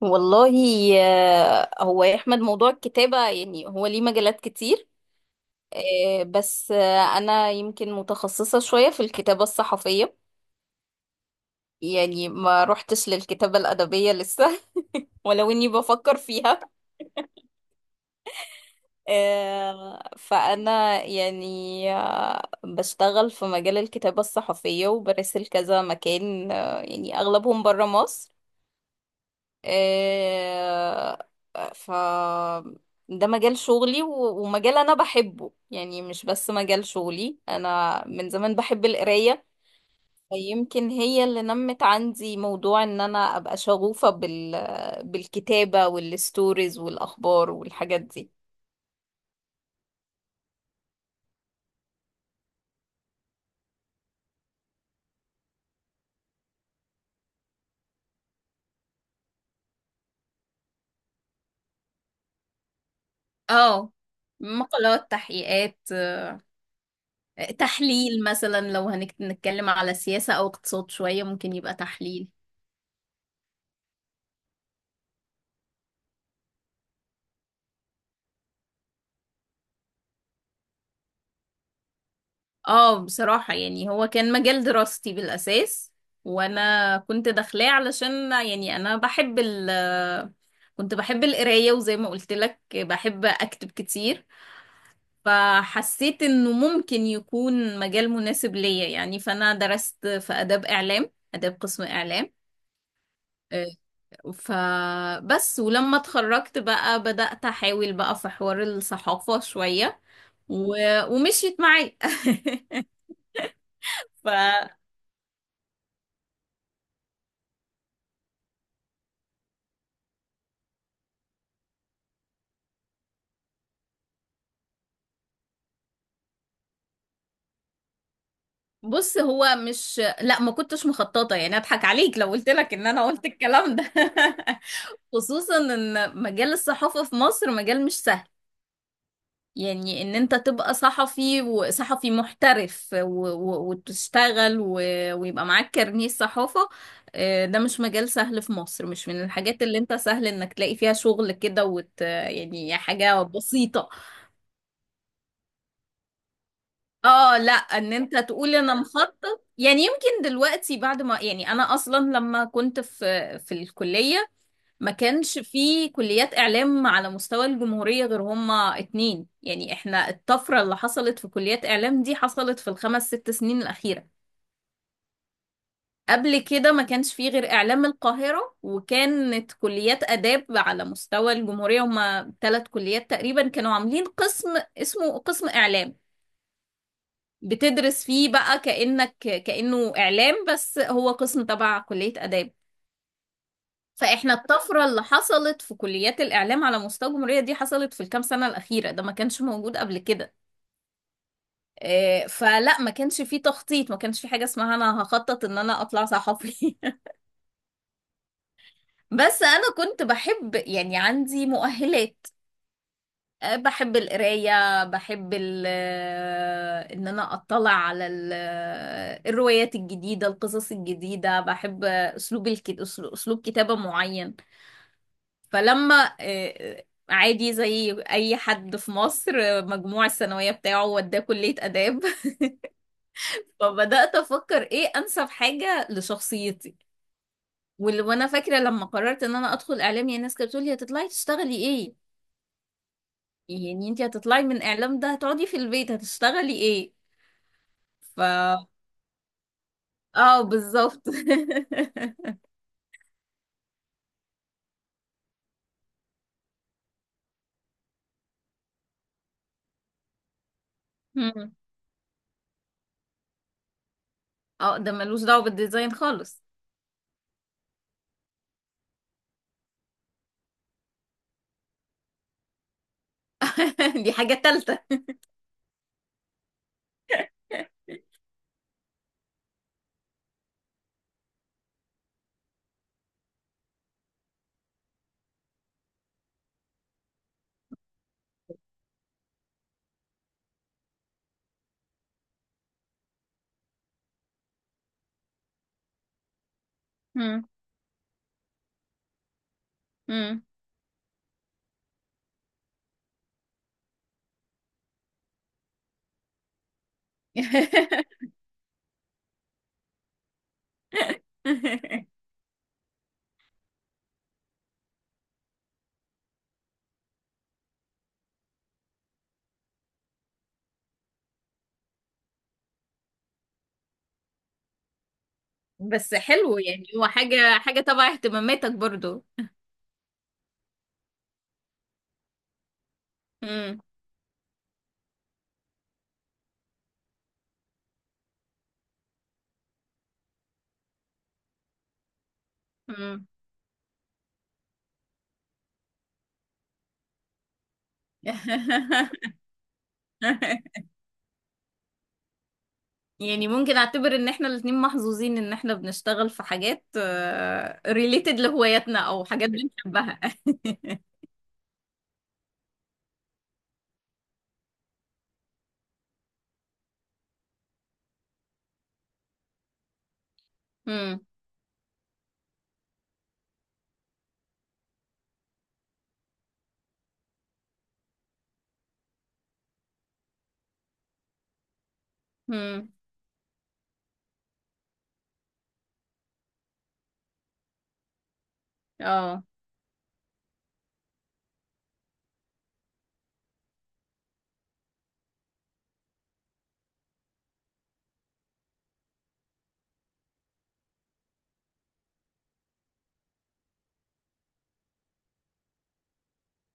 والله. هو يا احمد، موضوع الكتابة، يعني هو ليه مجالات كتير. بس انا يمكن متخصصة شوية في الكتابة الصحفية، يعني ما روحتش للكتابة الأدبية لسه. ولو اني بفكر فيها. فانا يعني بشتغل في مجال الكتابة الصحفية وبرسل كذا مكان، يعني اغلبهم برا مصر. آه، ف ده مجال شغلي و- ومجال انا بحبه، يعني مش بس مجال شغلي، انا من زمان بحب القراية. يمكن هي اللي نمت عندي موضوع ان انا ابقى شغوفة بالكتابة والستوريز والاخبار والحاجات دي. اه، مقالات، تحقيقات. تحليل مثلا، لو هنتكلم على سياسة او اقتصاد شوية ممكن يبقى تحليل. اه، بصراحة يعني هو كان مجال دراستي بالأساس. وأنا كنت داخلاه علشان، يعني أنا بحب ال كنت بحب القراية، وزي ما قلت لك بحب أكتب كتير. فحسيت إنه ممكن يكون مجال مناسب ليا. يعني فأنا درست في آداب إعلام، آداب قسم إعلام. آه، فبس ولما اتخرجت بقى بدأت أحاول بقى في حوار الصحافة شوية و... ومشيت معايا. بص، هو مش، لا، ما كنتش مخططه، يعني اضحك عليك لو قلت لك ان انا قلت الكلام ده. خصوصا ان مجال الصحافه في مصر مجال مش سهل. يعني ان انت تبقى صحفي وصحفي محترف و... و... وتشتغل و... ويبقى معاك كارنيه صحافه. ده مش مجال سهل في مصر، مش من الحاجات اللي انت سهل انك تلاقي فيها شغل كده يعني حاجه بسيطه. اه، لا، ان انت تقول انا مخطط، يعني يمكن دلوقتي بعد ما، يعني انا اصلا لما كنت في الكلية، ما كانش في كليات اعلام على مستوى الجمهورية غير هما اتنين. يعني احنا الطفرة اللي حصلت في كليات اعلام دي حصلت في الخمس ست سنين الاخيرة. قبل كده ما كانش في غير اعلام القاهرة، وكانت كليات اداب على مستوى الجمهورية هما 3 كليات تقريبا، كانوا عاملين قسم اسمه قسم اعلام. بتدرس فيه بقى كأنه إعلام، بس هو قسم تبع كلية آداب. فإحنا الطفرة اللي حصلت في كليات الإعلام على مستوى الجمهورية دي حصلت في الكام سنة الأخيرة، ده ما كانش موجود قبل كده. فلا، ما كانش فيه تخطيط، ما كانش فيه حاجة اسمها أنا هخطط إن أنا أطلع صحفي. بس أنا كنت بحب، يعني عندي مؤهلات. بحب القراية، بحب ال آه، إن أنا أطلع على الروايات الجديدة، القصص الجديدة، بحب أسلوب أسلوب كتابة معين. فلما، عادي زي أي حد في مصر، مجموع الثانوية بتاعه وداه كلية آداب. فبدأت أفكر إيه أنسب حاجة لشخصيتي. وال- وأنا فاكرة لما قررت إن أنا أدخل إعلام، يعني الناس كانت بتقولي هتطلعي تشتغلي إيه؟ يعني انتي هتطلعي من اعلام ده، هتقعدي في البيت هتشتغلي ايه. ف اه، بالظبط. مم. اه، ده ملوش دعوة بالديزاين خالص. دي حاجة تالتة. مم. مم. بس حلو، يعني هو حاجة حاجة تبع اهتماماتك برضو. مم. مم. يعني ممكن اعتبر ان احنا الاتنين محظوظين ان احنا بنشتغل في حاجات ريليتد لهواياتنا، او حاجات بنحبها. مم. مم. اه.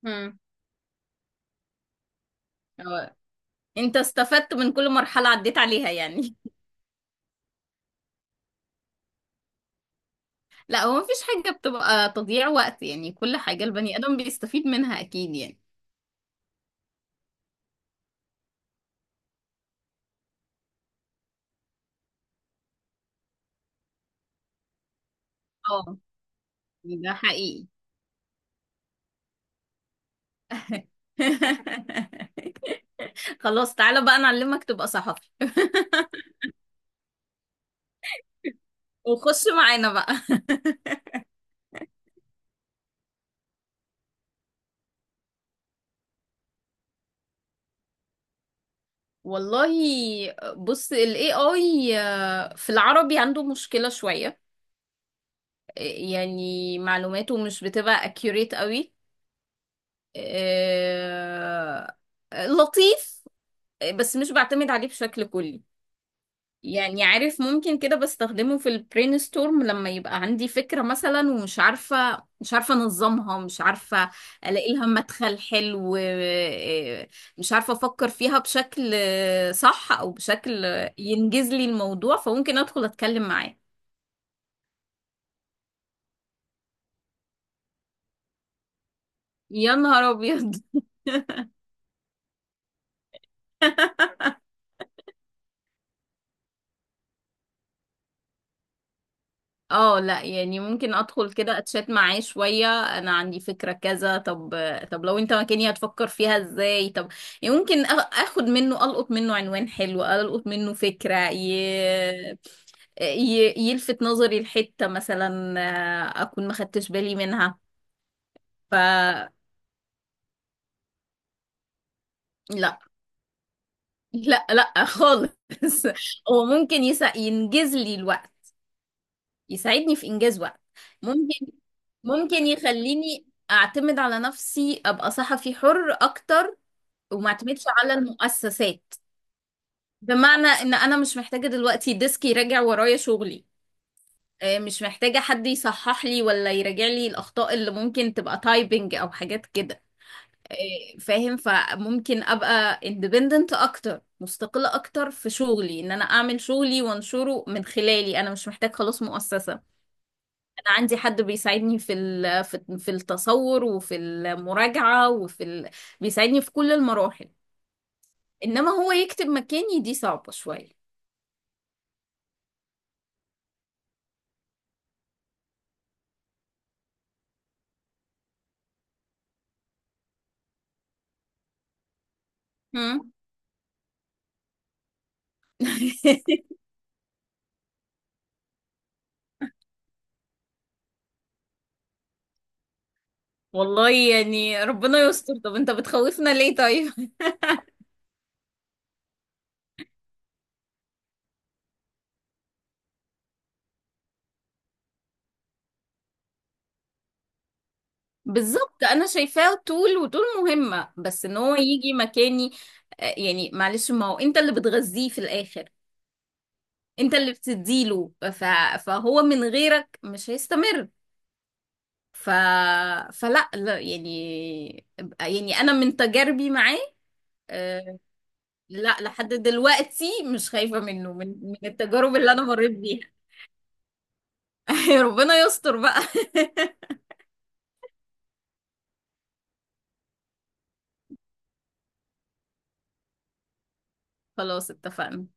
مم. انت استفدت من كل مرحلة عديت عليها، يعني. لا، هو مفيش حاجة بتبقى تضييع وقت، يعني كل حاجة البني آدم بيستفيد منها أكيد، يعني. اه، ده حقيقي. خلاص، تعالى بقى نعلمك تبقى صحفي وخش معانا بقى. والله، بص، ال AI في العربي عنده مشكلة شوية. يعني معلوماته مش بتبقى accurate قوي. آه، لطيف. بس مش بعتمد عليه بشكل كلي. يعني عارف، ممكن كده بستخدمه في البرين ستورم لما يبقى عندي فكرة مثلا، ومش عارفة، مش عارفة انظمها، مش عارفة الاقي لها مدخل حلو، إيه، مش عارفة افكر فيها بشكل صح او بشكل ينجز لي الموضوع، فممكن ادخل اتكلم معاه. يا نهار ابيض. اه، لا يعني ممكن ادخل كده اتشات معاه شوية، انا عندي فكرة كذا. طب لو انت مكاني هتفكر فيها ازاي. طب، يعني ممكن اخد منه، القط منه عنوان حلو، القط منه فكرة يلفت نظري لحتة مثلا، اكون ما خدتش بالي منها. ف لا، لا، لا خالص. هو ممكن ينجز لي الوقت، يساعدني في إنجاز وقت. ممكن ممكن يخليني أعتمد على نفسي، أبقى صحفي حر أكتر، وما اعتمدش على المؤسسات. بمعنى إن أنا مش محتاجة دلوقتي ديسك يراجع ورايا شغلي، مش محتاجة حد يصحح لي ولا يراجع لي الأخطاء اللي ممكن تبقى تايبنج أو حاجات كده. فاهم، فممكن أبقى independent أكتر، مستقلة أكتر في شغلي، إن أنا أعمل شغلي وأنشره من خلالي أنا، مش محتاج خلاص مؤسسة. أنا عندي حد بيساعدني في ال- في في التصور، وفي المراجعة، بيساعدني في كل المراحل. إنما هو يكتب مكاني، دي صعبة شوية. هم؟ والله يعني ربنا يستر، طب انت بتخوفنا ليه طيب؟ بالظبط، انا شايفاه طول وطول مهمة، بس ان هو يجي مكاني، يعني معلش، ما هو انت اللي بتغذيه في الاخر، انت اللي بتديله. فهو من غيرك مش هيستمر. ف... فلا، لا يعني، يعني انا من تجاربي معاه، آه، لا، لحد دلوقتي مش خايفة منه، من التجارب اللي انا مريت بيها. ربنا يستر بقى. خلاص، اتفقنا.